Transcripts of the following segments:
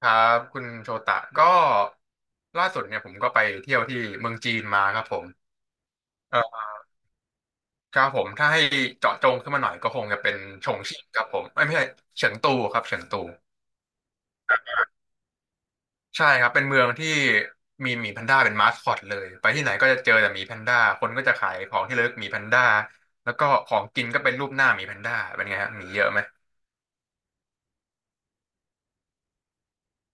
ครับคุณโชตะก็ล่าสุดเนี่ยผมก็ไปเที่ยวที่เมืองจีนมาครับผมเออครับผมถ้าให้เจาะจงขึ้นมาหน่อยก็คงจะเป็นชงชิ่งครับผมเอ้ยไม่ใช่เฉิงตูครับเฉิงตูใช่ครับเป็นเมืองที่มีหมีแพนด้าเป็นมาสคอตเลยไปที่ไหนก็จะเจอแต่หมีแพนด้าคนก็จะขายของที่ระลึกหมีแพนด้าแล้วก็ของกินก็เป็นรูปหน้าหมีแพนด้าเป็นไงฮะหมีเยอะไหม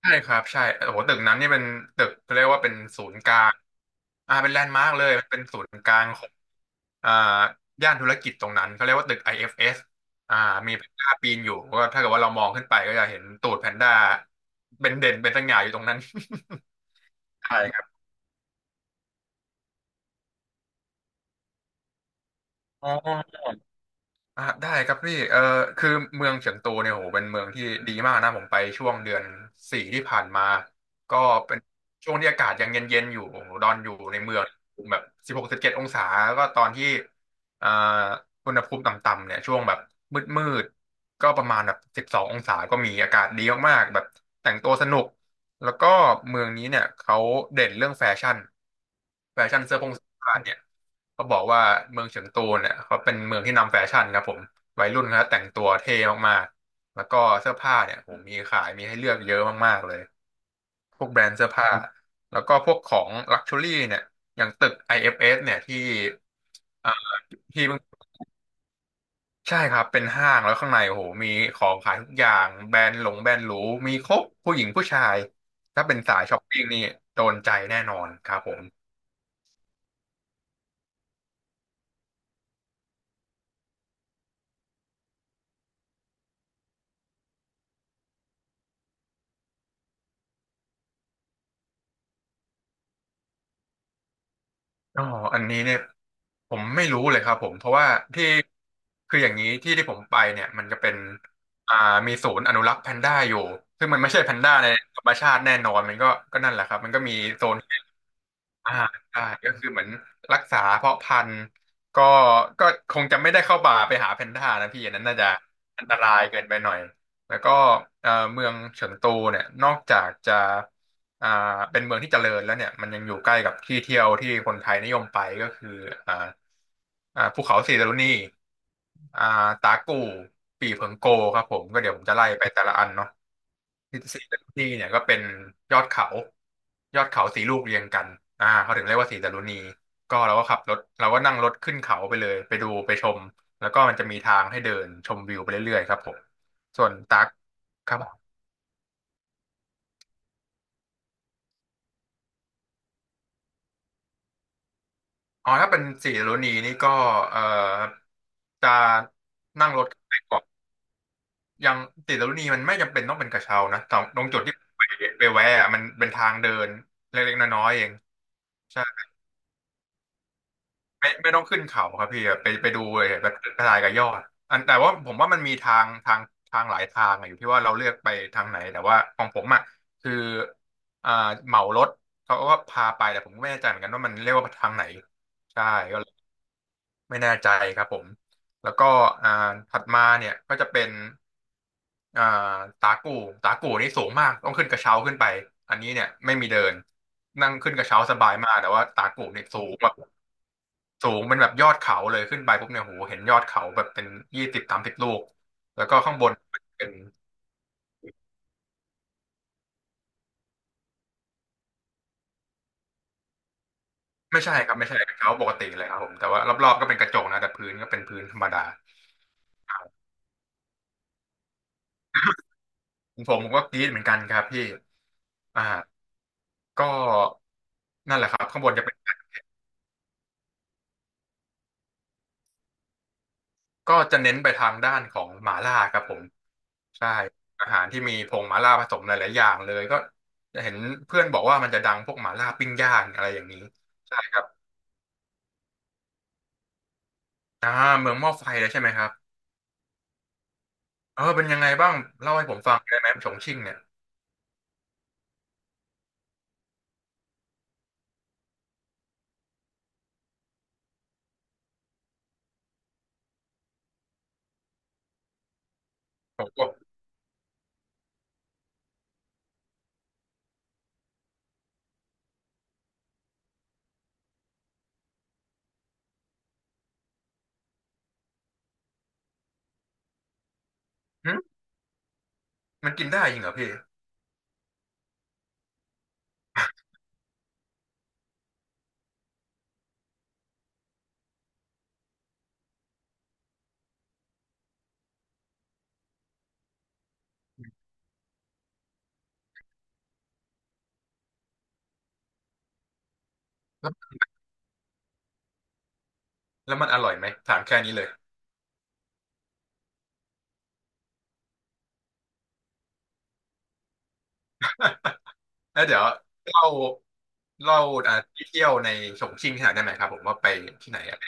ใช่ครับใช่โอ้โหตึกนั้นนี่เป็นตึกเขาเรียกว่าเป็นศูนย์กลางอ่าเป็นแลนด์มาร์กเลยมันเป็นศูนย์กลางของอ่าย่านธุรกิจตรงนั้นเขาเรียกว่าตึก IFS อเอฟเอสอ่ามีแพนด้าปีนอยู่ก็ถ้าเกิดว่าเรามองขึ้นไปก็จะเห็นตูดแพนด้าเป็นเด่นเป็นสง่าอยู่ตรงนั้น ใช่ครับอ๋อ อ่ะได้ครับพี่เออคือเมืองเฉิงตูเนี่ยโหเป็นเมืองที่ดีมากนะผมไปช่วงเดือน 4ที่ผ่านมาก็เป็นช่วงที่อากาศยังเย็นๆอยู่โอ้โหดอนอยู่ในเมืองแบบ16 17 องศาแล้วก็ตอนที่อ่าอุณหภูมิต่ำๆเนี่ยช่วงแบบมืดๆก็ประมาณแบบ12 องศาก็มีอากาศดีมากๆแบบแต่งตัวสนุกแล้วก็เมืองนี้เนี่ยเขาเด่นเรื่องแฟชั่นแฟชั่นเสื้อผงเสื้อผ้าเนี่ย เขาบอกว่าเมืองเฉิงตูเนี่ยเขาเป็นเมืองที่นำแฟชั่นครับผมวัยรุ่นเขาแต่งตัวเท่มากๆแล้วก็เสื้อผ้าเนี่ยผมมีขายมีให้เลือกเยอะมากๆเลยพวกแบรนด์เสื้อผ้าแล้วก็พวกของลักชัวรี่เนี่ยอย่างตึก IFS เอฟเอสเนี่ยที่เอ่อที่เพิ่งใช่ครับเป็นห้างแล้วข้างในโอ้โหมีของขายทุกอย่างแบรนด์หลงแบรนด์หรูมีครบผู้หญิงผู้ชายถ้าเป็นสายช้อปปิ้งนี่โดนใจแน่นอนครับผม อ๋ออันนี้เนี่ยผมไม่รู้เลยครับผมเพราะว่าที่คืออย่างนี้ที่ที่ผมไปเนี่ยมันจะเป็นอ่ามีศูนย์อนุรักษ์แพนด้าอยู่ซึ่งมันไม่ใช่แพนด้าในธรรมชาติแน่นอนมันก็นั่นแหละครับมันก็มีโซน อ่าใช่ก็คือเหมือนรักษาเพาะพันธุ์ก็ก็คงจะไม่ได้เข้าป่าไปหาแพนด้านะพี่อันนั้นน่าจะอันตรายเกินไปหน่อยแล้วก็เมืองเฉิงตูเนี่ยนอกจากจะอ่าเป็นเมืองที่เจริญแล้วเนี่ยมันยังอยู่ใกล้กับที่เที่ยวที่คนไทยนิยมไปก็คืออ่าภูเขาสีดารุณีอ่าตากู่ปี่เผิงโกครับผมก็เดี๋ยวผมจะไล่ไปแต่ละอันเนาะ สีดารุณีเนี่ยก็เป็นยอดเขายอดเขาสีลูกเรียงกันอ่าเขาถึงเรียกว่าสีดารุณีก็เราก็ขับรถเราก็นั่งรถขึ้นเขาไปเลยไปดูไปชมแล้วก็มันจะมีทางให้เดินชมวิวไปเรื่อยๆครับผมส่วนตักครับอ๋อถ้าเป็นสีดารุณีนี่ก็เอ่อจะนั่งรถไปเกาะยังสีดรุนีมันไม่จำเป็นต้องเป็นกระเช้านะแต่ตรงจุดที่ไปไปแวะอะมันเป็นทางเดินเล็กๆน้อยๆเอง ไม่ไม่ต้องขึ้นเขาครับพี่ไปดูเลยแบบกระจายกับยอดอันแต่ว่าผมว่ามันมีทางหลายทางอะอยู่ที่ว่าเราเลือกไปทางไหนแต่ว่าของผมอ่ะคืออ่าเหมารถเขาก็พาไปแต่ผมก็ไม่แน่ใจเหมือนกันว่ามันเรียกว่าทางไหนใช่ก็เลยไม่แน่ใจครับผมแล้วก็อ่าถัดมาเนี่ยก็จะเป็นอ่าตากูตากูนี่สูงมากต้องขึ้นกระเช้าขึ้นไปอันนี้เนี่ยไม่มีเดินนั่งขึ้นกระเช้าสบายมากแต่ว่าตากูเนี่ยสูงแบบ สูงเป็นแบบยอดเขาเลยขึ้นไปปุ๊บเนี่ยโหเห็นยอดเขาแบบเป็น20 30 ลูกแล้วก็ข้างบนเป็นไม่ใช่ครับไม่ใช่เป็นเขาปกติเลยครับผมแต่ว่ารอบๆก็เป็นกระจกนะแต่พื้นก็เป็นพื้นธรรมดาผมก็กรี๊ดเหมือนกันครับพี่อ่าก็นั่นแหละครับข้างบนจะเป็นก็จะเน้นไปทางด้านของหม่าล่าครับผมใช่อาหารที่มีผงหม่าล่าผสมหลายๆอย่างเลยก็จะเห็นเพื่อนบอกว่ามันจะดังพวกหม่าล่าปิ้งย่างอะไรอย่างนี้ใช่ครับอ่าเมืองหม้อไฟแล้วใช่ไหมครับ เออเป็นยังไงบ้างเล่าให้ผมฟังได้ไหมฉงชิ่งเนี่ยผมก็หึมันกินได้จริงเหรอพี่แล้วแล้วมันอร่อยไหมถามแค่นี้เลยแล้วเดี๋ยวเล่าเล่าอ่าที่เที่ยวในฉงชิ่งให้หน่อยได้ไหมครับผมว่าไปที่ไหนอะไร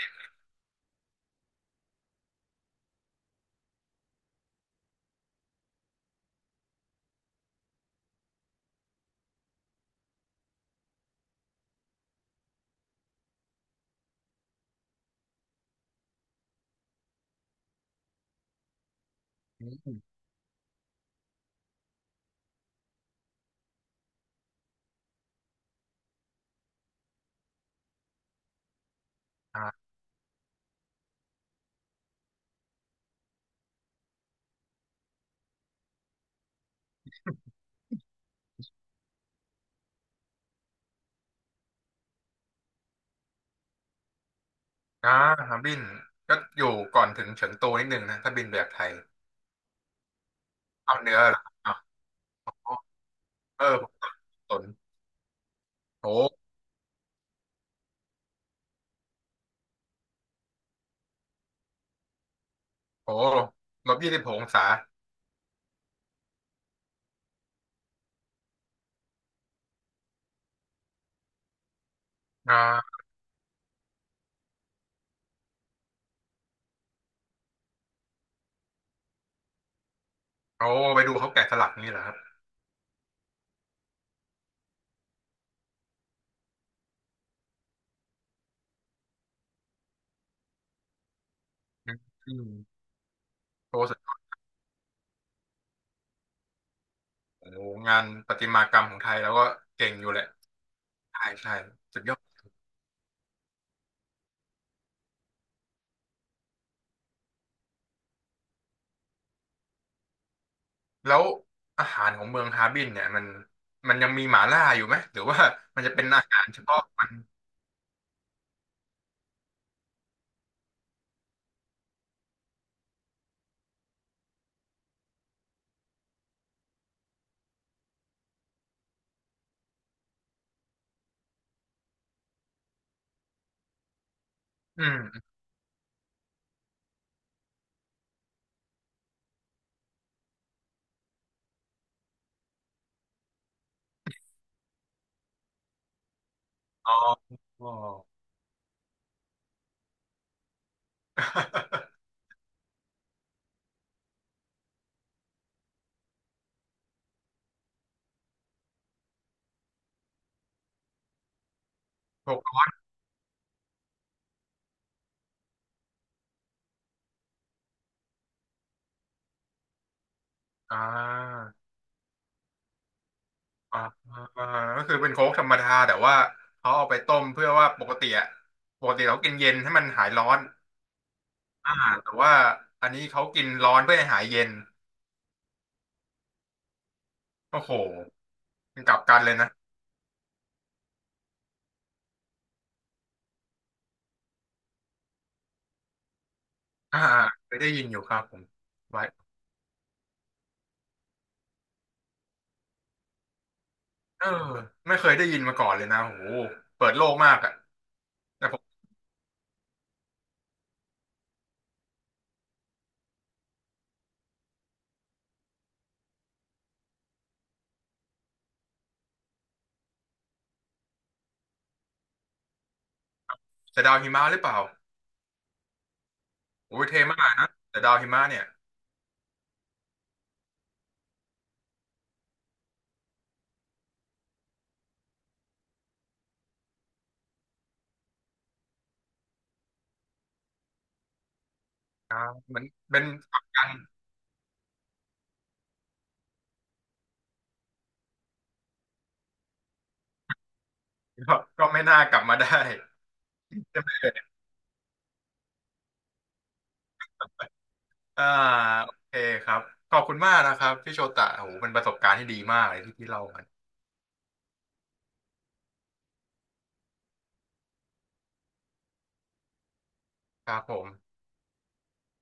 อืมอ่าอ่าครับบินก็อยู่ก่อนถึงเฉิงตูนิดนึงนะถ้าบินไปจากไทยเอาเหนือเหรออ่ะเออผมสับสนโอ้โห-26 องศาอ่าโอ้ไปดูเขาแกะสลักนี่เหรอครับอืมโอ้ โอ้โหงานประติมากรรมของไทยแล้วก็เก่งอยู่แหละใช่ใช่สุดยอดแล้วอาหารของเมืองฮาร์บินเนี่ยมันมันยังมีหม่าล่าอยู่ไหมหรือว่ามันจะเป็นอาหารเฉพาะอืมอ๋อ อ๋อ พวกอ่าอ่าอ่าก็คือเป็นโค้กธรรมดาแต่ว่าเขาเอาไปต้มเพื่อว่าปกติอะปกติเรากินเย็นให้มันหายร้อนอ่าแต่ว่าอันนี้เขากินร้อนเพื่อให้หายเย็นโอ้โหมันกลับกันเลยนะอ่าเคยได้ยินอยู่ครับผมไว้ เออไม่เคยได้ยินมาก่อนเลยนะโอ้โหเปิดโลกมากอ่ะแต่ผมแต่ดาวหิมะหรือเปล่าโอ้ยเท่มากนะแต่ดาวหิมะเนี่ยอ่ามันเป็นกลับกันก็ไม่น่ากลับมาได้อ่าโอเคครับขอบคุณมากนะครับพี่โชตะโอ้โหเป็นประสบการณ์ที่ดีมากเลยที่พี่เล่ามันครับผม